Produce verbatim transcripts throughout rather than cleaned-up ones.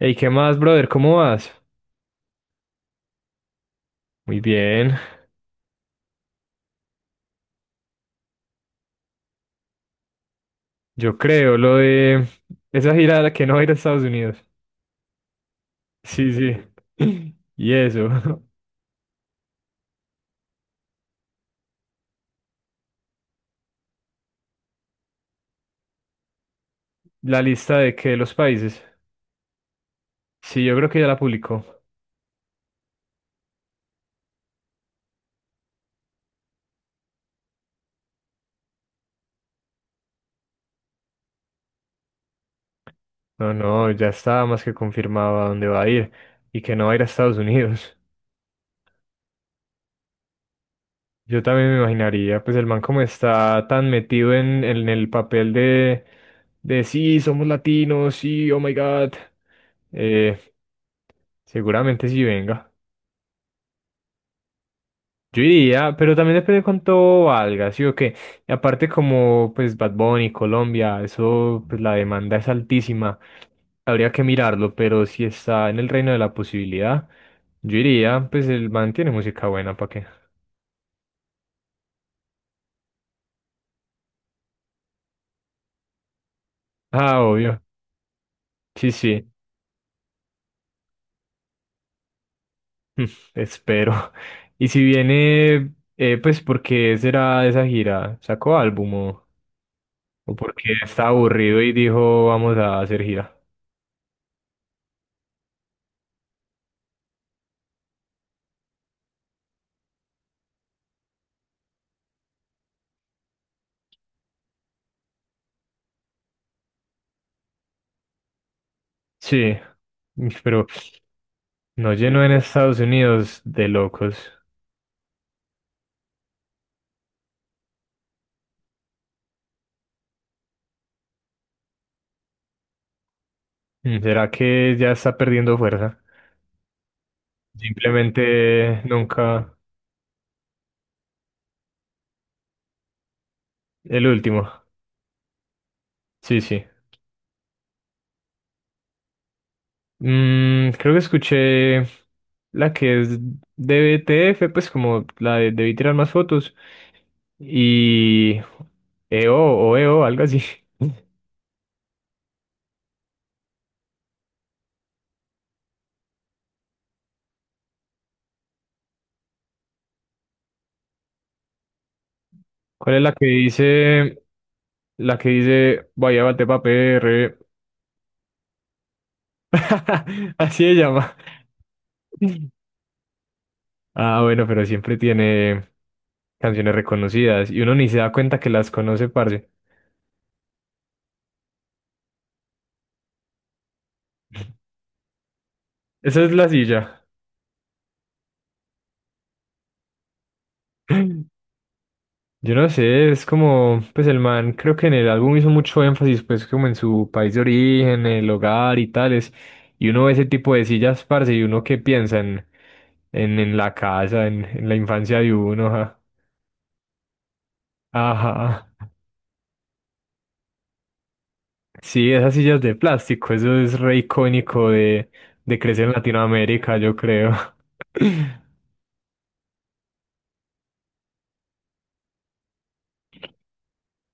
Ey, ¿qué más, brother? ¿Cómo vas? Muy bien. Yo creo lo de esa gira a la que no va a ir a Estados Unidos. Sí, sí. Y eso. La lista de que los países. Sí, yo creo que ya la publicó. No, no, ya estaba más que confirmado a dónde va a ir y que no va a ir a Estados Unidos. Yo también me imaginaría, pues el man como está tan metido en, en el papel de, de sí, somos latinos, sí, oh my God. Eh, seguramente sí venga. Yo iría, pero también depende de cuánto valga, ¿sí o qué? Y aparte como pues Bad Bunny, Colombia, eso, pues la demanda es altísima. Habría que mirarlo, pero si está en el reino de la posibilidad, yo iría, pues el man tiene música buena, ¿para qué? Ah, obvio. Sí, sí. Mm, espero. Y si viene, eh, pues, ¿por qué será esa gira? ¿Sacó álbum o, o porque está aburrido y dijo, vamos a hacer gira? Sí, mm, pero no llenó en Estados Unidos de locos. Mm, ¿será que ya está perdiendo fuerza? Simplemente nunca el último. Sí, sí. Mm, creo que escuché la que es de B T F, pues como la de Debí tirar más fotos. Y EO o E O, algo así. ¿Cuál es la que dice? La que dice, vaya, bate pa' P R. Así se llama. Ah, bueno, pero siempre tiene canciones reconocidas y uno ni se da cuenta que las conoce, parce. Esa es la silla. Yo no sé, es como, pues el man creo que en el álbum hizo mucho énfasis, pues como en su país de origen, el hogar y tales. Y uno ve ese tipo de sillas, parce, y uno que piensa en, en, en la casa, en, en la infancia de uno. Ajá. Ajá. Sí, esas sillas de plástico, eso es re icónico de, de crecer en Latinoamérica, yo creo.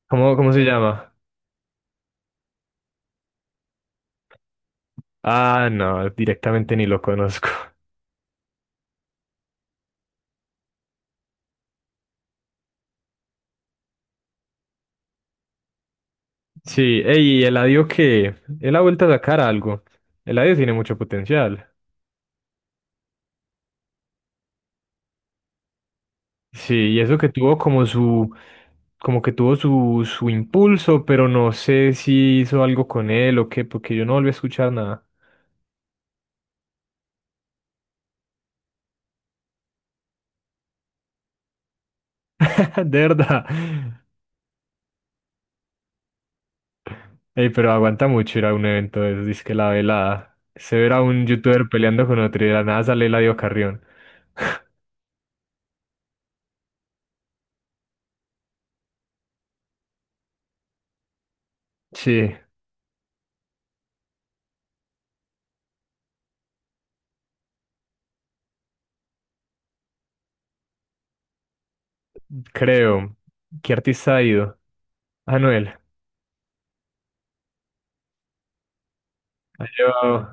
¿Cómo, cómo se llama? Ah, no, directamente ni lo conozco. Sí, ey, y Eladio que él ha vuelto a sacar algo. Eladio tiene mucho potencial. Sí, y eso que tuvo como su, como que tuvo su, su impulso, pero no sé si hizo algo con él o qué, porque yo no volví a escuchar nada. De verdad. Ey, pero aguanta mucho ir a un evento de esos, dice que la velada. Se verá un youtuber peleando con otro y de la nada sale Eladio Carrión. Sí, creo. ¿Qué artista ha ido? Anuel. Yo...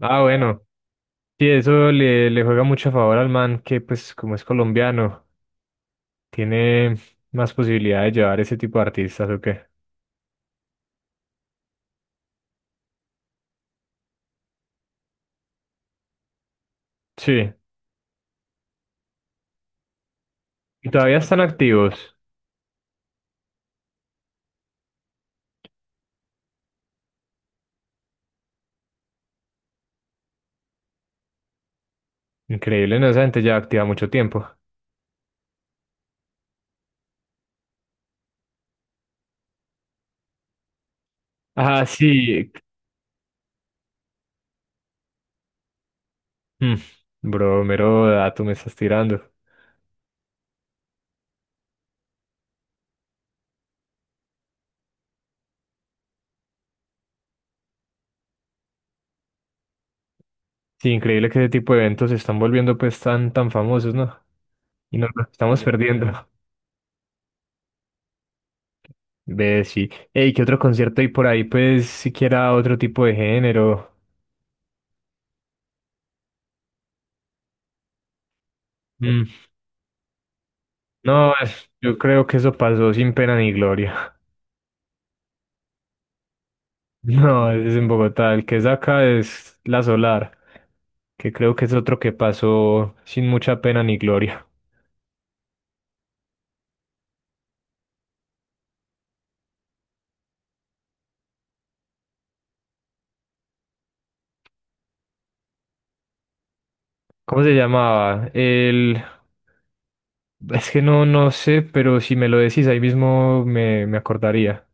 Ah, bueno. Sí, eso le, le juega mucho a favor al man que, pues, como es colombiano, tiene más posibilidad de llevar ese tipo de artistas, ¿o qué? Sí. Y todavía están activos. Increíble, ¿no? Esa gente ya activa mucho tiempo. Ah, sí. Mm, bro, mero dato me estás tirando. Sí, increíble que ese tipo de eventos se están volviendo, pues, tan, tan famosos, ¿no? Y nos los estamos perdiendo. Ve, sí. Ey, ¿qué otro concierto hay por ahí? Pues, siquiera otro tipo de género. Mm, no, es- yo creo que eso pasó sin pena ni gloria. No, es en Bogotá. El que es acá es la Solar, que creo que es otro que pasó sin mucha pena ni gloria. ¿Cómo se llamaba? El... Es que no, no sé, pero si me lo decís ahí mismo me, me acordaría.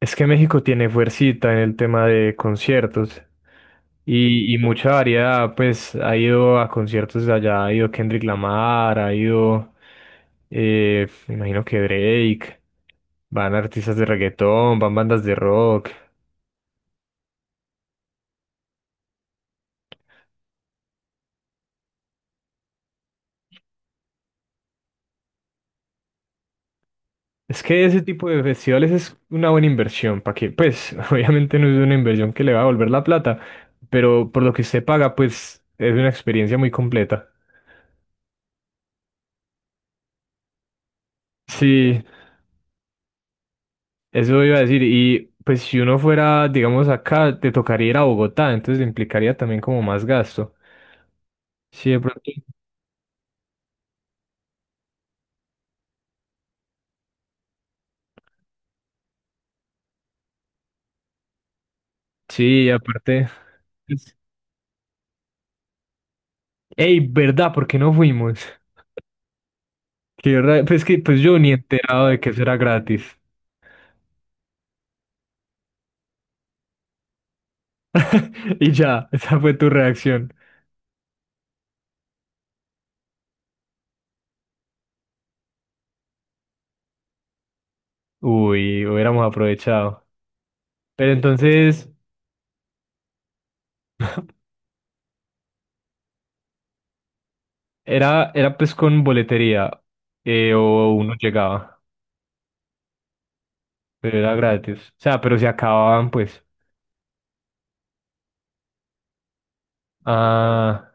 Es que México tiene fuercita en el tema de conciertos y, y mucha variedad, pues ha ido a conciertos de allá, ha ido Kendrick Lamar, ha ido, eh, me imagino que Drake, van artistas de reggaetón, van bandas de rock. Es que ese tipo de festivales es una buena inversión, ¿para que pues obviamente no es una inversión que le va a volver la plata, pero por lo que usted paga, pues es una experiencia muy completa. Sí, eso iba a decir, y pues si uno fuera, digamos, acá, te tocaría ir a Bogotá, entonces implicaría también como más gasto. Sí, de pronto. Sí, aparte. Pues, ey, ¿verdad? ¿Por qué no fuimos? Qué ra- pues que pues yo ni enterado de que eso era gratis. Y ya, esa fue tu reacción. Uy, hubiéramos aprovechado. Pero entonces, era, era pues con boletería, eh, o uno llegaba, pero era gratis. O sea, pero se acababan pues. Ah.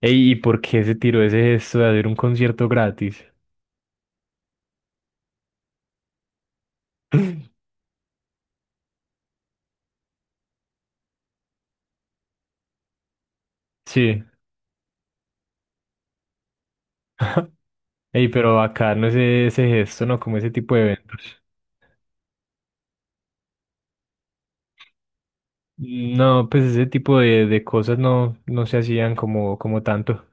Ey, ¿y por qué se tiró ese gesto de hacer un concierto gratis? Sí. Ey, pero acá no es ese gesto, ¿no? Como ese tipo de eventos. No, pues ese tipo de, de cosas no, no se hacían como, como tanto.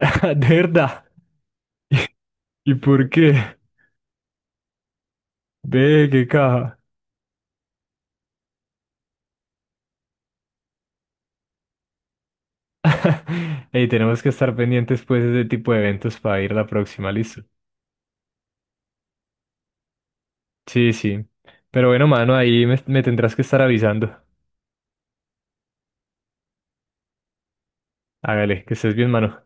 De verdad. ¿Y por qué? Ve, qué caja. Ey, tenemos que estar pendientes pues de ese tipo de eventos para ir la próxima, ¿listo? Sí, sí. Pero bueno, mano, ahí me, me tendrás que estar avisando. Hágale, que estés bien, mano.